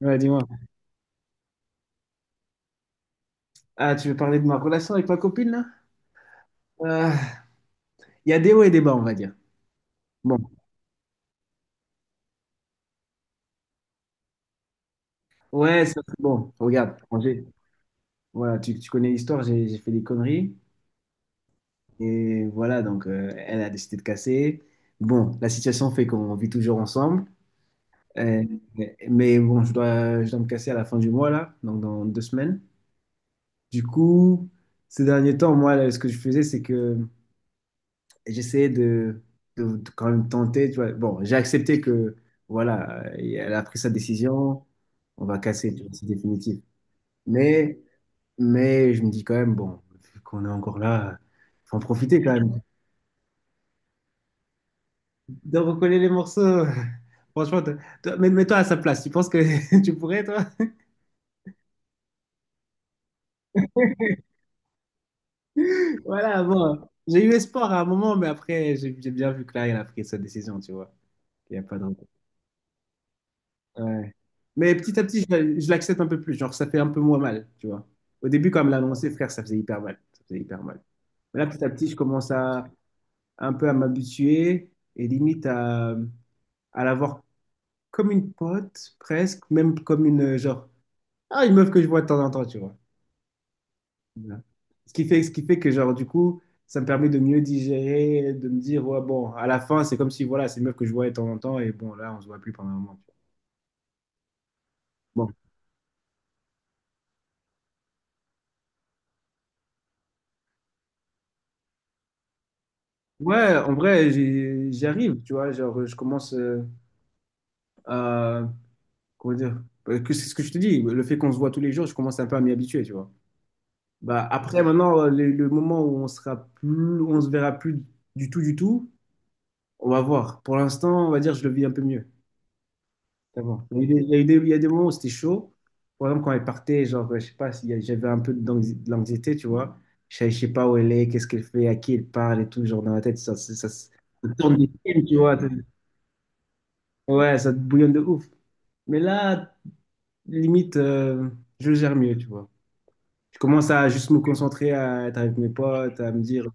Ouais, dis-moi. Ah, tu veux parler de ma relation avec ma copine, là? Euh, Il y a des hauts et des bas, on va dire. Bon. Ouais, ça, c'est bon. Regarde, Angers. Voilà, tu connais l'histoire, j'ai fait des conneries. Et voilà, donc, elle a décidé de casser. Bon, la situation fait qu'on vit toujours ensemble. Euh, mais bon, je dois me casser à la fin du mois, là, donc dans 2 semaines. Du coup, ces derniers temps, moi, là, ce que je faisais, c'est que et j'essayais de, de quand même tenter. Tu vois. Bon, j'ai accepté que, voilà, elle a pris sa décision, on va casser, tu vois, c'est définitif. Mais, mais je me dis quand même, bon, vu qu'on est encore là, faut en profiter quand même. De recoller les morceaux, franchement, mets-toi à sa place. Tu penses que tu pourrais, toi? Voilà, bon, j'ai eu espoir à un moment, mais après, j'ai bien vu que là, elle a pris sa décision, tu vois. Il n'y a pas de... Ouais. Mais petit à petit, je l'accepte un peu plus. Genre, ça fait un peu moins mal, tu vois. Au début, quand elle me l'a annoncé, frère, ça faisait hyper mal. Ça faisait hyper mal. Mais là, petit à petit, je commence à un peu à m'habituer et limite à l'avoir comme une pote, presque, même comme une, genre, ah, une meuf que je vois de temps en temps, tu vois. Voilà. Ce qui fait que, genre, du coup, ça me permet de mieux digérer, de me dire, ouais, bon, à la fin, c'est comme si, voilà, c'est une meuf que je vois de temps en temps et bon, là, on se voit plus pendant un moment. Tu vois. Bon, ouais, en vrai, j'y arrive, tu vois. Genre, je commence à. Comment dire? C'est ce que je te dis. Le fait qu'on se voit tous les jours, je commence un peu à m'y habituer, tu vois. Bah, après, maintenant, le moment où on sera plus, on se verra plus du tout, on va voir. Pour l'instant, on va dire, je le vis un peu mieux qu'avant. Il y a eu des, il y a des moments où c'était chaud. Par exemple, quand elle partait, genre, je sais pas, j'avais un peu de l'anxiété, tu vois. Je sais pas où elle est, qu'est-ce qu'elle fait, à qui elle parle et tout, genre, dans la tête, ça tourne des films, tu vois. Ouais, ça te bouillonne de ouf. Mais là, limite, je le gère mieux, tu vois. Je commence à juste me concentrer, à être avec mes potes, à me dire.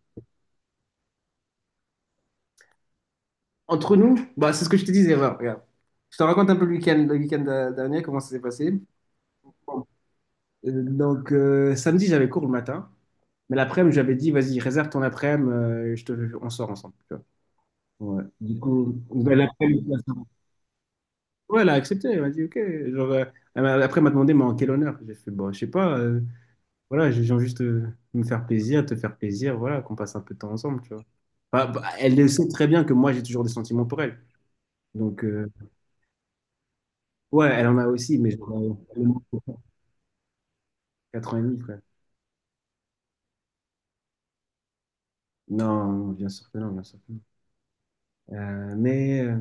Entre nous, bah, c'est ce que je te disais, voilà, regarde. Je te raconte un peu le week-end dernier, comment ça s'est passé. Bon. Donc, samedi, j'avais cours le matin, mais l'après-midi, j'avais dit, vas-y, réserve ton après-midi, je te, on sort ensemble, tu vois. Ouais. Du coup, ben, l'après-midi, ouais, elle a accepté, elle m'a dit, ok. Genre, après, elle m'a demandé, mais en quel honneur? J'ai fait, bon, je sais pas. Voilà, je viens juste me faire plaisir, te faire plaisir, voilà, qu'on passe un peu de temps ensemble, tu vois. Bah, bah, elle le sait très bien que moi, j'ai toujours des sentiments pour elle. Donc, ouais, elle en a aussi, mais j'en ai tellement pour 4 ans et demi, frère. Non, non, bien sûr que non, bien sûr que non. Euh, mais euh,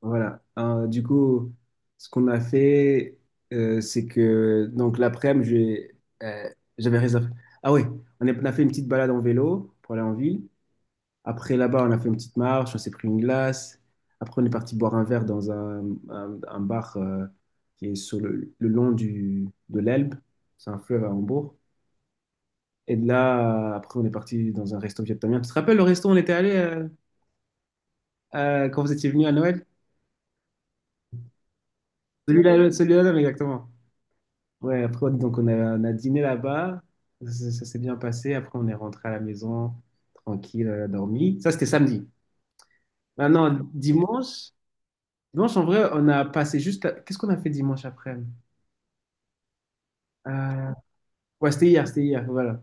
voilà, du coup, ce qu'on a fait, c'est que, donc l'après-midi, j'ai, euh, j'avais réservé. Ah oui, on a fait une petite balade en vélo pour aller en ville. Après, là-bas, on a fait une petite marche, on s'est pris une glace. Après, on est parti boire un verre dans un, un bar qui est sur le long du, de l'Elbe. C'est un fleuve à Hambourg. Et de là, après, on est parti dans un resto vietnamien. Tu te rappelles le resto où on était allé quand vous étiez venu à Noël? Celui-là, celui-là, même, exactement. Ouais, après, donc, on a dîné là-bas. Ça s'est bien passé. Après, on est rentré à la maison, tranquille, on a dormi. Ça, c'était samedi. Maintenant, dimanche. Dimanche, en vrai, on a passé juste. Qu'est-ce qu'on a fait dimanche après? Euh, Ouais, c'était hier, voilà.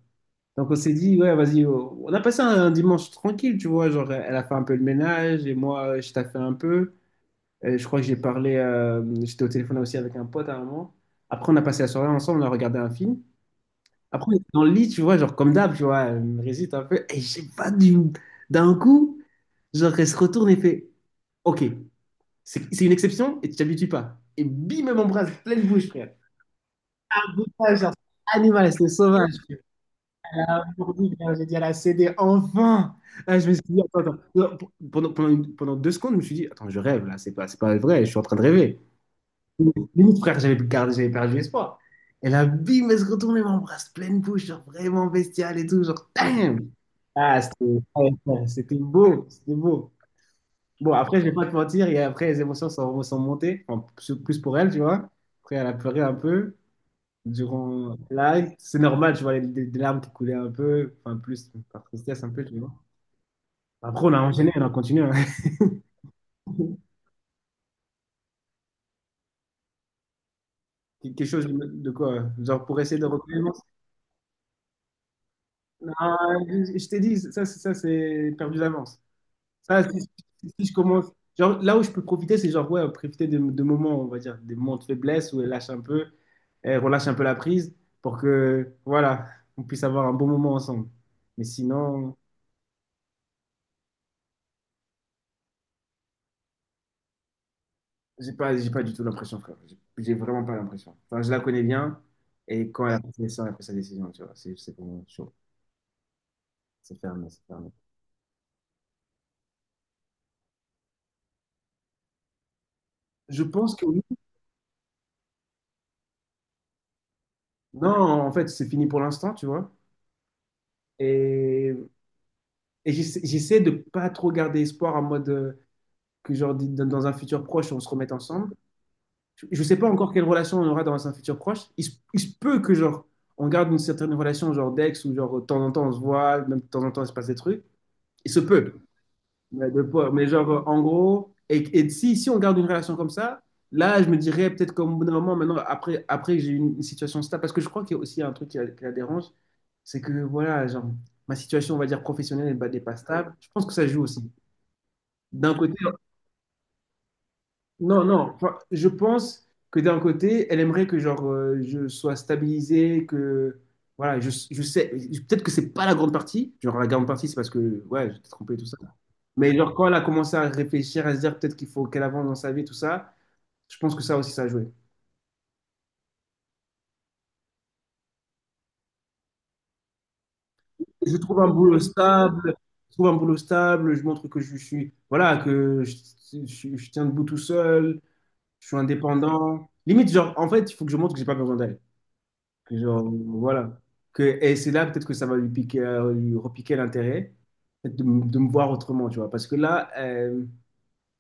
Donc, on s'est dit, ouais, vas-y, oh. On a passé un dimanche tranquille, tu vois. Genre, elle a fait un peu le ménage et moi, je t'ai fait un peu. Et je crois que j'ai parlé, j'étais au téléphone aussi avec un pote à un moment. Après, on a passé la soirée ensemble, on a regardé un film. Après, on était dans le lit, tu vois, genre, comme d'hab, tu vois, elle me résiste un peu. Et je sais pas, du... d'un coup, genre, elle se retourne et fait, OK, c'est une exception et tu t'habitues pas. Et bim, elle m'embrasse pleine bouche, frère. Ouais, genre, animal, c'était sauvage. Là, aujourd'hui, là, j'ai dit à la CD, enfin! Là, je me suis dit, attends, attends. Non, pendant, pendant 2 secondes, je me suis dit, attends, je rêve là, c'est pas vrai, je suis en train de rêver. Limite, frère, j'avais perdu espoir. Et là, bim, elle se retourne et m'embrasse pleine bouche, genre vraiment bestiale et tout, genre, damn! Ah, c'était ouais, ouais, c'était beau, c'était beau. Bon, après, je vais pas te mentir, et après, les émotions sont, sont montées, enfin, plus pour elle, tu vois. Après, elle a pleuré un peu durant là c'est normal tu vois les, les larmes qui coulaient un peu enfin plus par tristesse un peu tu vois après on a enchaîné on a continué hein. Quelque chose de quoi genre pour essayer de reprendre non je t'ai dit ça ça c'est perdu d'avance ça si, si je commence genre là où je peux profiter c'est genre ouais profiter de moments on va dire des moments de faiblesse où elle lâche un peu elle relâche un peu la prise pour que voilà on puisse avoir un bon moment ensemble mais sinon. J'ai pas du tout l'impression, frère. J'ai vraiment pas l'impression. Enfin, je la connais bien et quand elle a pris ça, elle a pris sa décision, tu vois. C'est pour moi chaud. C'est fermé, c'est fermé. Je pense que oui. Non, en fait, c'est fini pour l'instant, tu vois. Et, et j'essaie de pas trop garder espoir en mode que, genre, dans dans un futur proche, on se remette ensemble. Je sais pas encore quelle relation on aura dans un futur proche. Il se peut que, genre, on garde une certaine relation, genre d'ex, ou genre, de temps en temps, on se voit, même de temps en temps, il se passe des trucs. Il se peut. Ouais, de poids. Mais genre, en gros, et si, si on garde une relation comme ça, là, je me dirais peut-être comme au bout d'un moment, maintenant, après, après que j'ai eu une situation stable, parce que je crois qu'il y a aussi un truc qui la dérange, c'est que, voilà, genre, ma situation, on va dire, professionnelle, elle n'est pas stable. Je pense que ça joue aussi. D'un côté, non, non, enfin, je pense que d'un côté, elle aimerait que genre je sois stabilisé, que voilà, je sais, peut-être que c'est pas la grande partie, genre la grande partie c'est parce que ouais, j'étais trompé et tout ça. Mais genre quand elle a commencé à réfléchir, à se dire peut-être qu'il faut qu'elle avance dans sa vie, tout ça, je pense que ça aussi ça a joué. Je trouve un boulot stable, je trouve un boulot stable, je montre que je suis, voilà, que je, je tiens debout tout seul, je suis indépendant. Limite genre en fait, il faut que je montre que j'ai pas besoin d'elle. Que genre, voilà. Que, et c'est là peut-être que ça va lui piquer, lui repiquer l'intérêt, peut-être de, de me voir autrement, tu vois. Parce que là,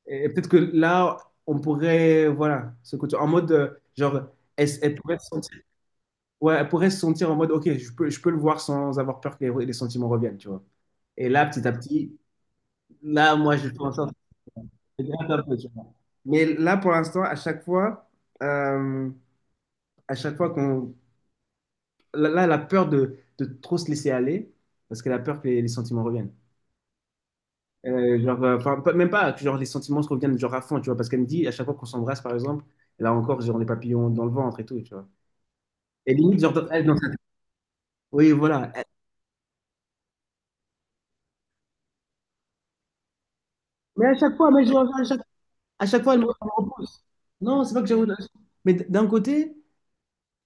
et peut-être que là, on pourrait, voilà, ce côté, en mode, genre, elle, elle pourrait se sentir, ouais, elle pourrait se sentir en mode, ok, je peux le voir sans avoir peur que les sentiments reviennent, tu vois. Et là, petit à petit, là, moi, je fais en sorte de gratter un peu, tu vois. Mais là, pour l'instant, euh, à chaque fois qu'on là, là, elle a peur de trop se laisser aller parce qu'elle a peur que les sentiments reviennent. Enfin, même pas que genre, les sentiments se reviennent genre à fond, tu vois, parce qu'elle me dit à chaque fois qu'on s'embrasse, par exemple, elle a encore genre, les papillons dans le ventre et tout, tu vois. Et limite, genre, elle, Oui, voilà. Elle- Mais à chaque fois, à chaque fois, elle me repousse. Non, c'est pas que j'ai... Mais d'un côté,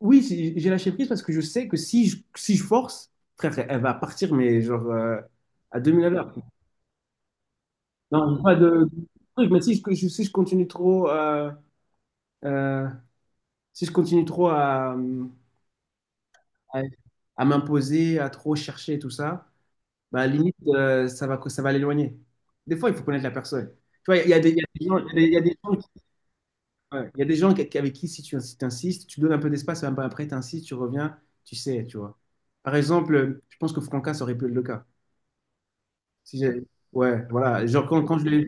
oui, j'ai lâché prise parce que je sais que si je, si je force, frère, elle va partir, mais genre à 2000 à l'heure. Non, pas de truc, mais si je, si je continue trop... Euh, si je continue trop à, à m'imposer, à trop chercher tout ça, bah limite, ça va l'éloigner. Des fois, il faut connaître la personne. Tu vois, il y a des, il y a des gens, il y a des gens, qui- ouais, il y a des gens qui- avec qui, si tu si insistes, tu donnes un peu d'espace, un peu après, tu insistes, tu reviens, tu sais, tu vois. Par exemple, je pense que Franca, ça aurait pu être le cas. Si j'ai- ouais, voilà. Genre, quand, quand je l'ai.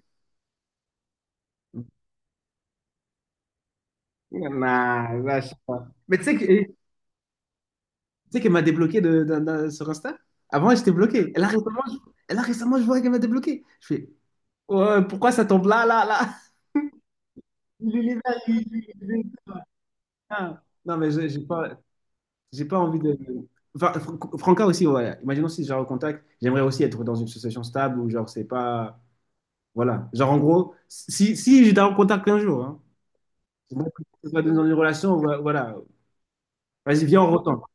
Nah, là, je sais pas. Mais tu sais que tu sais qu'elle m'a débloqué de, d'un- sur Insta? Avant, j'étais bloqué. Et là, récemment, je, et là, récemment, je vois qu'elle m'a débloqué. Je fais, ouais, pourquoi ça tombe là, là, là? L'univers, là. Non, mais j'ai pas envie de. Enfin, Franca aussi, ouais. Imaginons si je recontact, j'aimerais aussi être dans une association stable où, genre, c'est pas. Voilà. Genre, en gros, si, si j'étais en contact un jour, hein, c'est pas dans une relation, voilà. Voilà. Vas-y, viens, on retombe.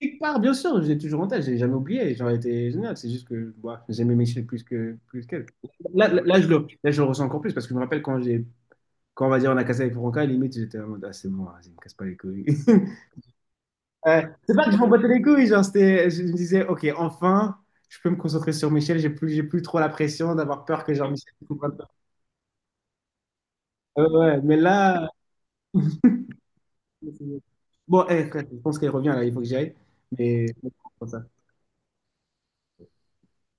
Quelque part, bien sûr, j'ai toujours en tête, j'ai jamais oublié, j'aurais été génial, c'est juste que bah, j'aimais Michel plus que plus qu'elle. Là, là, là, je le ressens encore plus parce que je me rappelle quand j'ai quand on va dire on a cassé avec Franca, limite j'étais en mode ah, c'est bon, vas-y, me casse pas les couilles. C'est pas que je m'en battais les couilles, genre c'était je me disais OK, enfin, je peux me concentrer sur Michel, j'ai plus trop la pression d'avoir peur que genre Michel ne comprenne pas. Ouais, ouais, mais là bon, eh, frère, je pense qu'elle revient là, il faut que j'y aille. Mais